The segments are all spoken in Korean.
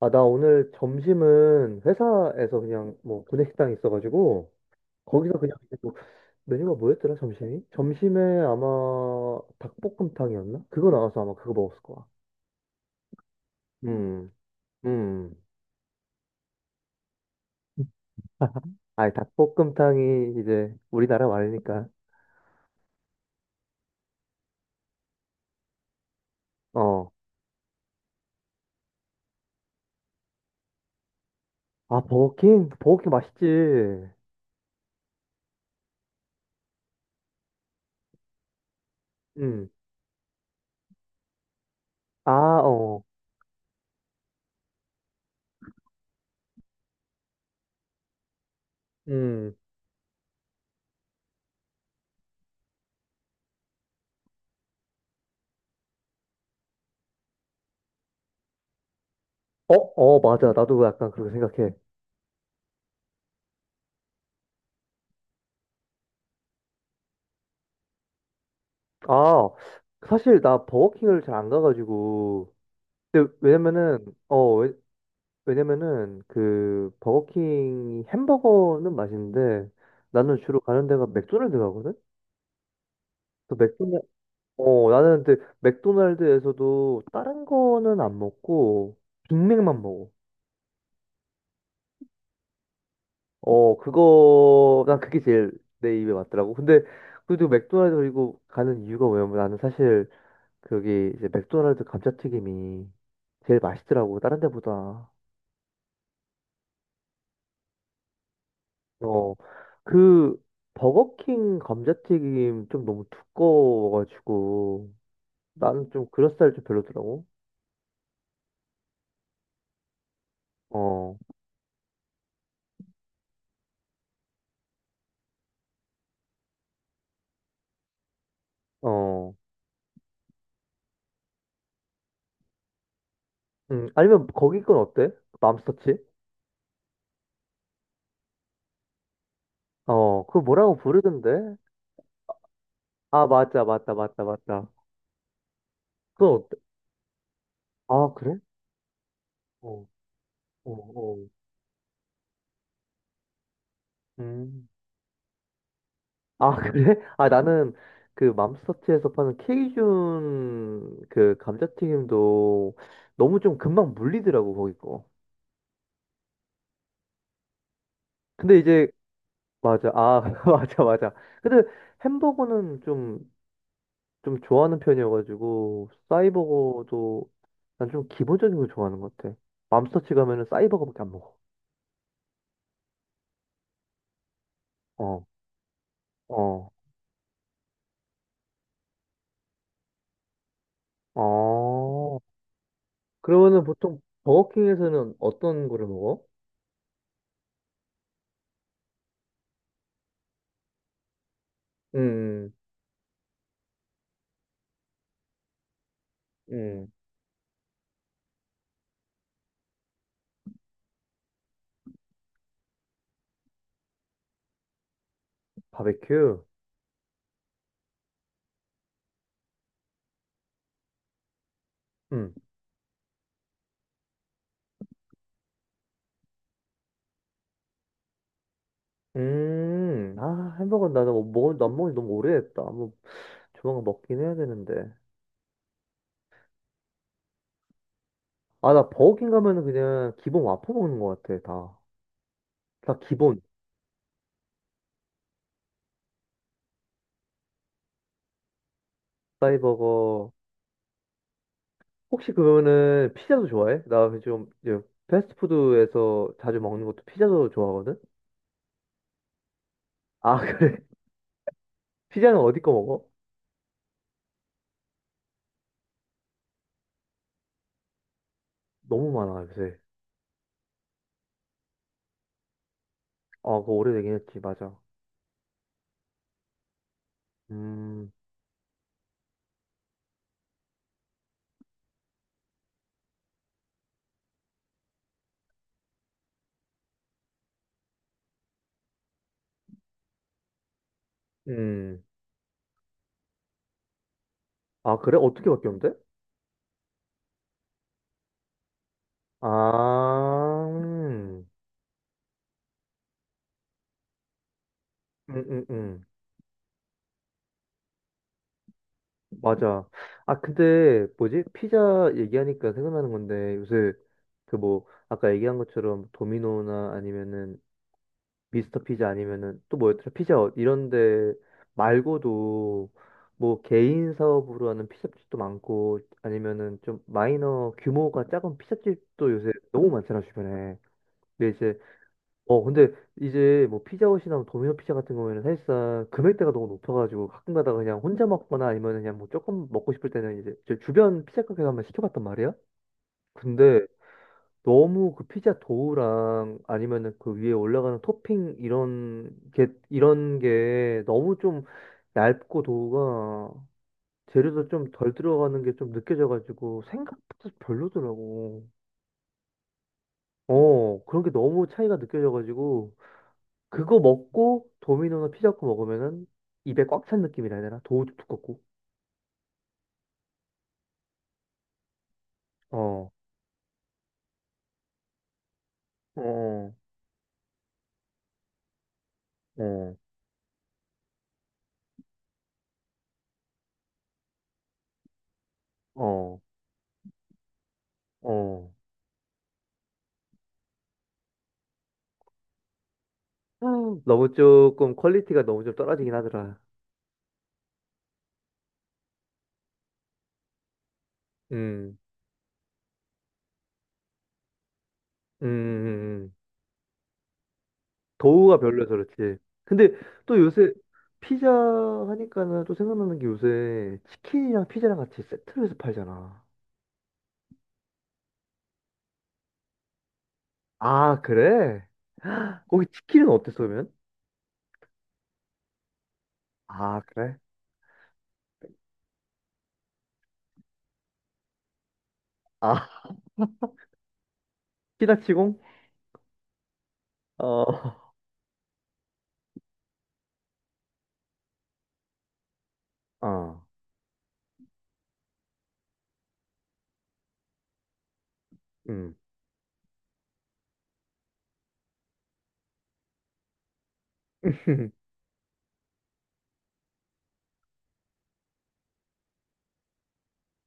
아, 나 오늘 점심은 회사에서 그냥 뭐 구내식당이 있어가지고 거기서 그냥 이제 뭐 메뉴가 뭐였더라 점심이? 점심에 아마 닭볶음탕이었나? 그거 나와서 아마 그거 먹었을 거야. 음. 음. 아니 닭볶음탕이 이제 우리나라 말이니까. 어. 아 버거킹? 버거킹 맛있지. 음. 아, 어. 음. 어, 어, 맞아. 나도 약간 그렇게 생각해. 아, 사실 나 버거킹을 잘 안 가가지고. 근데 왜냐면은 어 왜냐면은 그 버거킹 햄버거는 맛있는데 나는 주로 가는 데가 맥도날드 가거든? 또 맥도날 어 나는 근데 맥도날드에서도 다른 거는 안 먹고 빅맥만 먹어. 어, 그거 난 그게 제일 내 입에 맞더라고. 근데 그래도 맥도날드 그리고 가는 이유가 뭐냐면 나는 사실 거기 이제 맥도날드 감자튀김이 제일 맛있더라고 다른 데보다. 어, 그 버거킹 감자튀김 좀 너무 두꺼워가지고 나는 좀 그럴싸할 좀 별로더라고. 어, 어, 아니면 거기 건 어때? 맘스터치? 어, 그거 뭐라고 부르던데? 아, 맞아, 맞다, 맞다, 맞다. 그건 어때? 아, 그래? 어, 어, 어. 음. 아, 그래? 아, 나는 그 맘스터치에서 파는 케이준 그 감자튀김도 너무 좀 금방 물리더라고, 거기 거. 근데 이제 맞아. 아, 맞아, 맞아. 근데 햄버거는 좀, 좀 좋아하는 편이어가지고, 싸이버거도 난 좀 기본적인 걸 좋아하는 것 같아. 맘스터치 가면은 싸이버거밖에 안 먹어. 어, 어, 어. 그러면은 보통 버거킹에서는 어떤 거를 먹어? 음. 음. 바베큐? 음. 음. 아, 햄버거 나는 뭐 난 먹은 지 너무 오래됐다. 뭐, 조만간 먹긴 해야 되는데. 아, 나 버거킹 가면은 그냥 기본 와퍼 먹는 것 같아, 다. 다 기본. 사이버거. 혹시 그거는 피자도 좋아해? 나 좀 이제 패스트푸드에서 자주 먹는 것도 피자도 좋아하거든? 아, 그래? 피자는 어디 거 먹어? 너무 많아, 요새. 아, 그거 오래되긴 했지, 맞아. 음. 음. 아, 그래? 어떻게 바뀌었는데? 아. 음. 음. 음. 맞아. 아, 근데 뭐지? 피자 얘기하니까 생각나는 건데 요새 그 뭐 아까 얘기한 것처럼 도미노나 아니면은 미스터 피자 아니면은 또 뭐였더라? 피자헛 이런 데 말고도 뭐 개인 사업으로 하는 피자집도 많고 아니면은 좀 마이너 규모가 작은 피자집도 요새 너무 많잖아 주변에. 근데 이제 근데 이제 뭐 피자헛이나 도미노 피자 같은 경우에는 사실상 금액대가 너무 높아가지고 가끔 가다가 그냥 혼자 먹거나 아니면 그냥 뭐 조금 먹고 싶을 때는 이제 제 주변 피자 가게 가면 시켜봤단 말이야. 근데 너무 그 피자 도우랑 아니면은 그 위에 올라가는 토핑 이런 게 너무 좀 얇고 도우가 재료도 좀 덜 들어가는 게 좀 느껴져가지고 생각보다 별로더라고. 어, 그런 게 너무 차이가 느껴져가지고 그거 먹고 도미노나 피자 먹고 먹으면은 입에 꽉 찬 느낌이라 해야 되나? 도우도 두껍고. 어. 어. 어. 어. 어. 너무 조금 퀄리티가 너무 좀 떨어지긴 하더라. 음. 음. 음. 음. 더우가 별로여서 그렇지. 근데 또 요새 피자 하니까는 또 생각나는 게 요새 치킨이랑 피자랑 같이 세트로 해서 팔잖아. 아, 그래? 거기 치킨은 어땠어, 그러면? 아, 그래? 아, 피자치공? 어, 어, 음,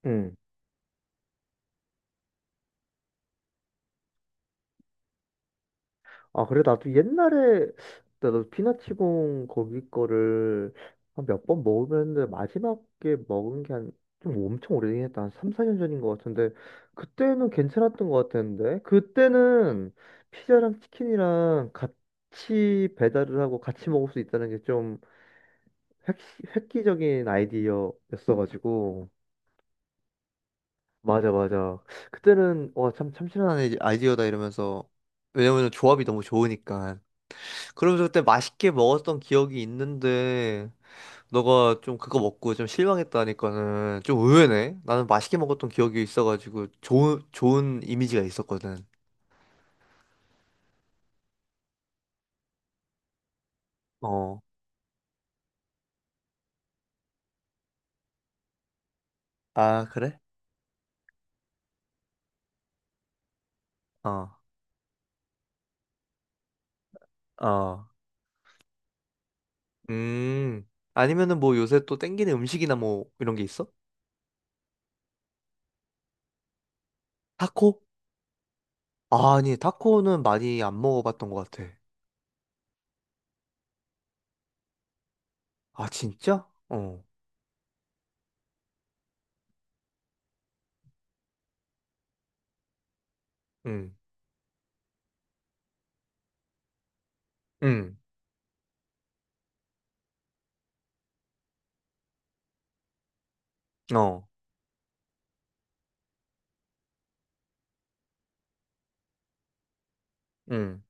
음. 아, 그래, 나도 옛날에, 나도 피나치공 거기 거를 한 몇 번 먹으면서 마지막에 먹은 게 한, 좀 엄청 오래되긴 했다. 한 3, 4년 전인 것 같은데, 그때는 괜찮았던 것 같았는데, 그때는 피자랑 치킨이랑 같이 배달을 하고 같이 먹을 수 있다는 게 좀 획기적인 아이디어였어가지고, 맞아, 맞아. 그때는, 와, 참, 참신한 아이디어다 이러면서, 왜냐면 조합이 너무 좋으니까. 그러면서 그때 맛있게 먹었던 기억이 있는데, 너가 좀 그거 먹고 좀 실망했다니까는 좀 의외네. 나는 맛있게 먹었던 기억이 있어가지고 좋은 이미지가 있었거든. 어. 아, 그래? 어. 어. 음. 아니면은 뭐 요새 또 땡기는 음식이나 뭐 이런 게 있어? 타코? 아, 아니, 타코는 많이 안 먹어봤던 것 같아. 아, 진짜? 어. 응. 응. 어. 응.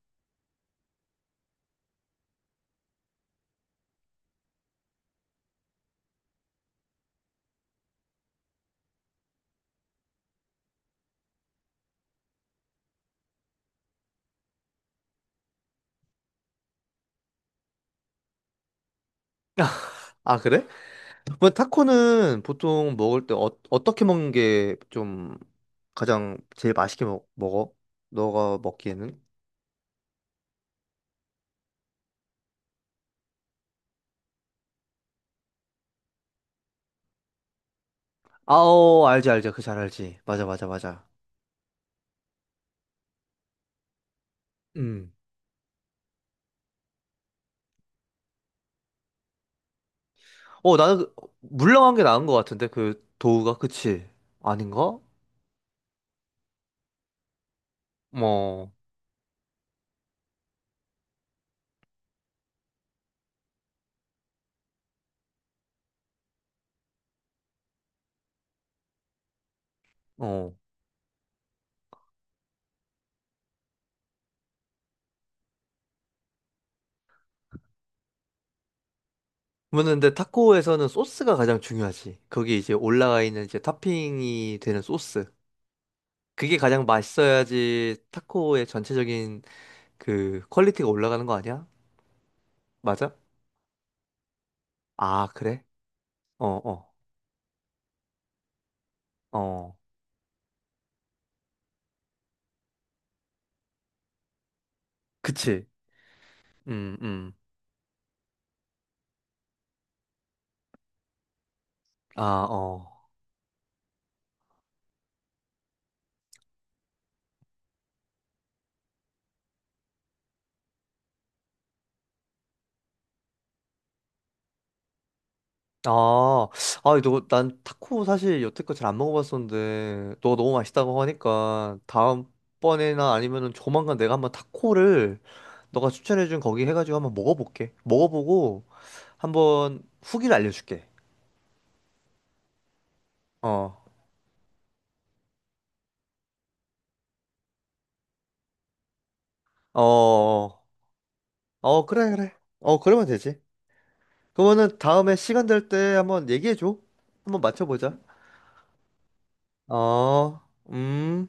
아, 그래? 뭐 타코는 보통 먹을 때 어떻게 먹는 게 좀 가장 제일 맛있게 먹어? 너가 먹기에는? 아오, 알지, 알지. 그 잘 알지. 맞아, 맞아, 맞아. 음. 어, 나는 물렁한 게 나은 것 같은데 그 도우가 그치? 아닌가? 뭐, 어. 그러면 근데 타코에서는 소스가 가장 중요하지. 거기 이제 올라가 있는 이제 토핑이 되는 소스. 그게 가장 맛있어야지 타코의 전체적인 그 퀄리티가 올라가는 거 아니야? 맞아? 아, 그래? 어, 어, 어. 그치. 음. 음. 아, 어. 아, 아, 이너난 타코 사실 여태껏 잘 안 먹어봤었는데, 너가 너무 맛있다고 하니까, 다음번에나 아니면은 조만간 내가 한번 타코를 너가 추천해준 거기 해가지고 한번 먹어볼게. 먹어보고, 한번 후기를 알려줄게. 어, 어, 어, 어, 어, 그래, 그래. 어, 그러면 되지. 그러면은 다음에 시간 될 때 한번 얘기해줘. 한번 맞춰보자. 어, 음.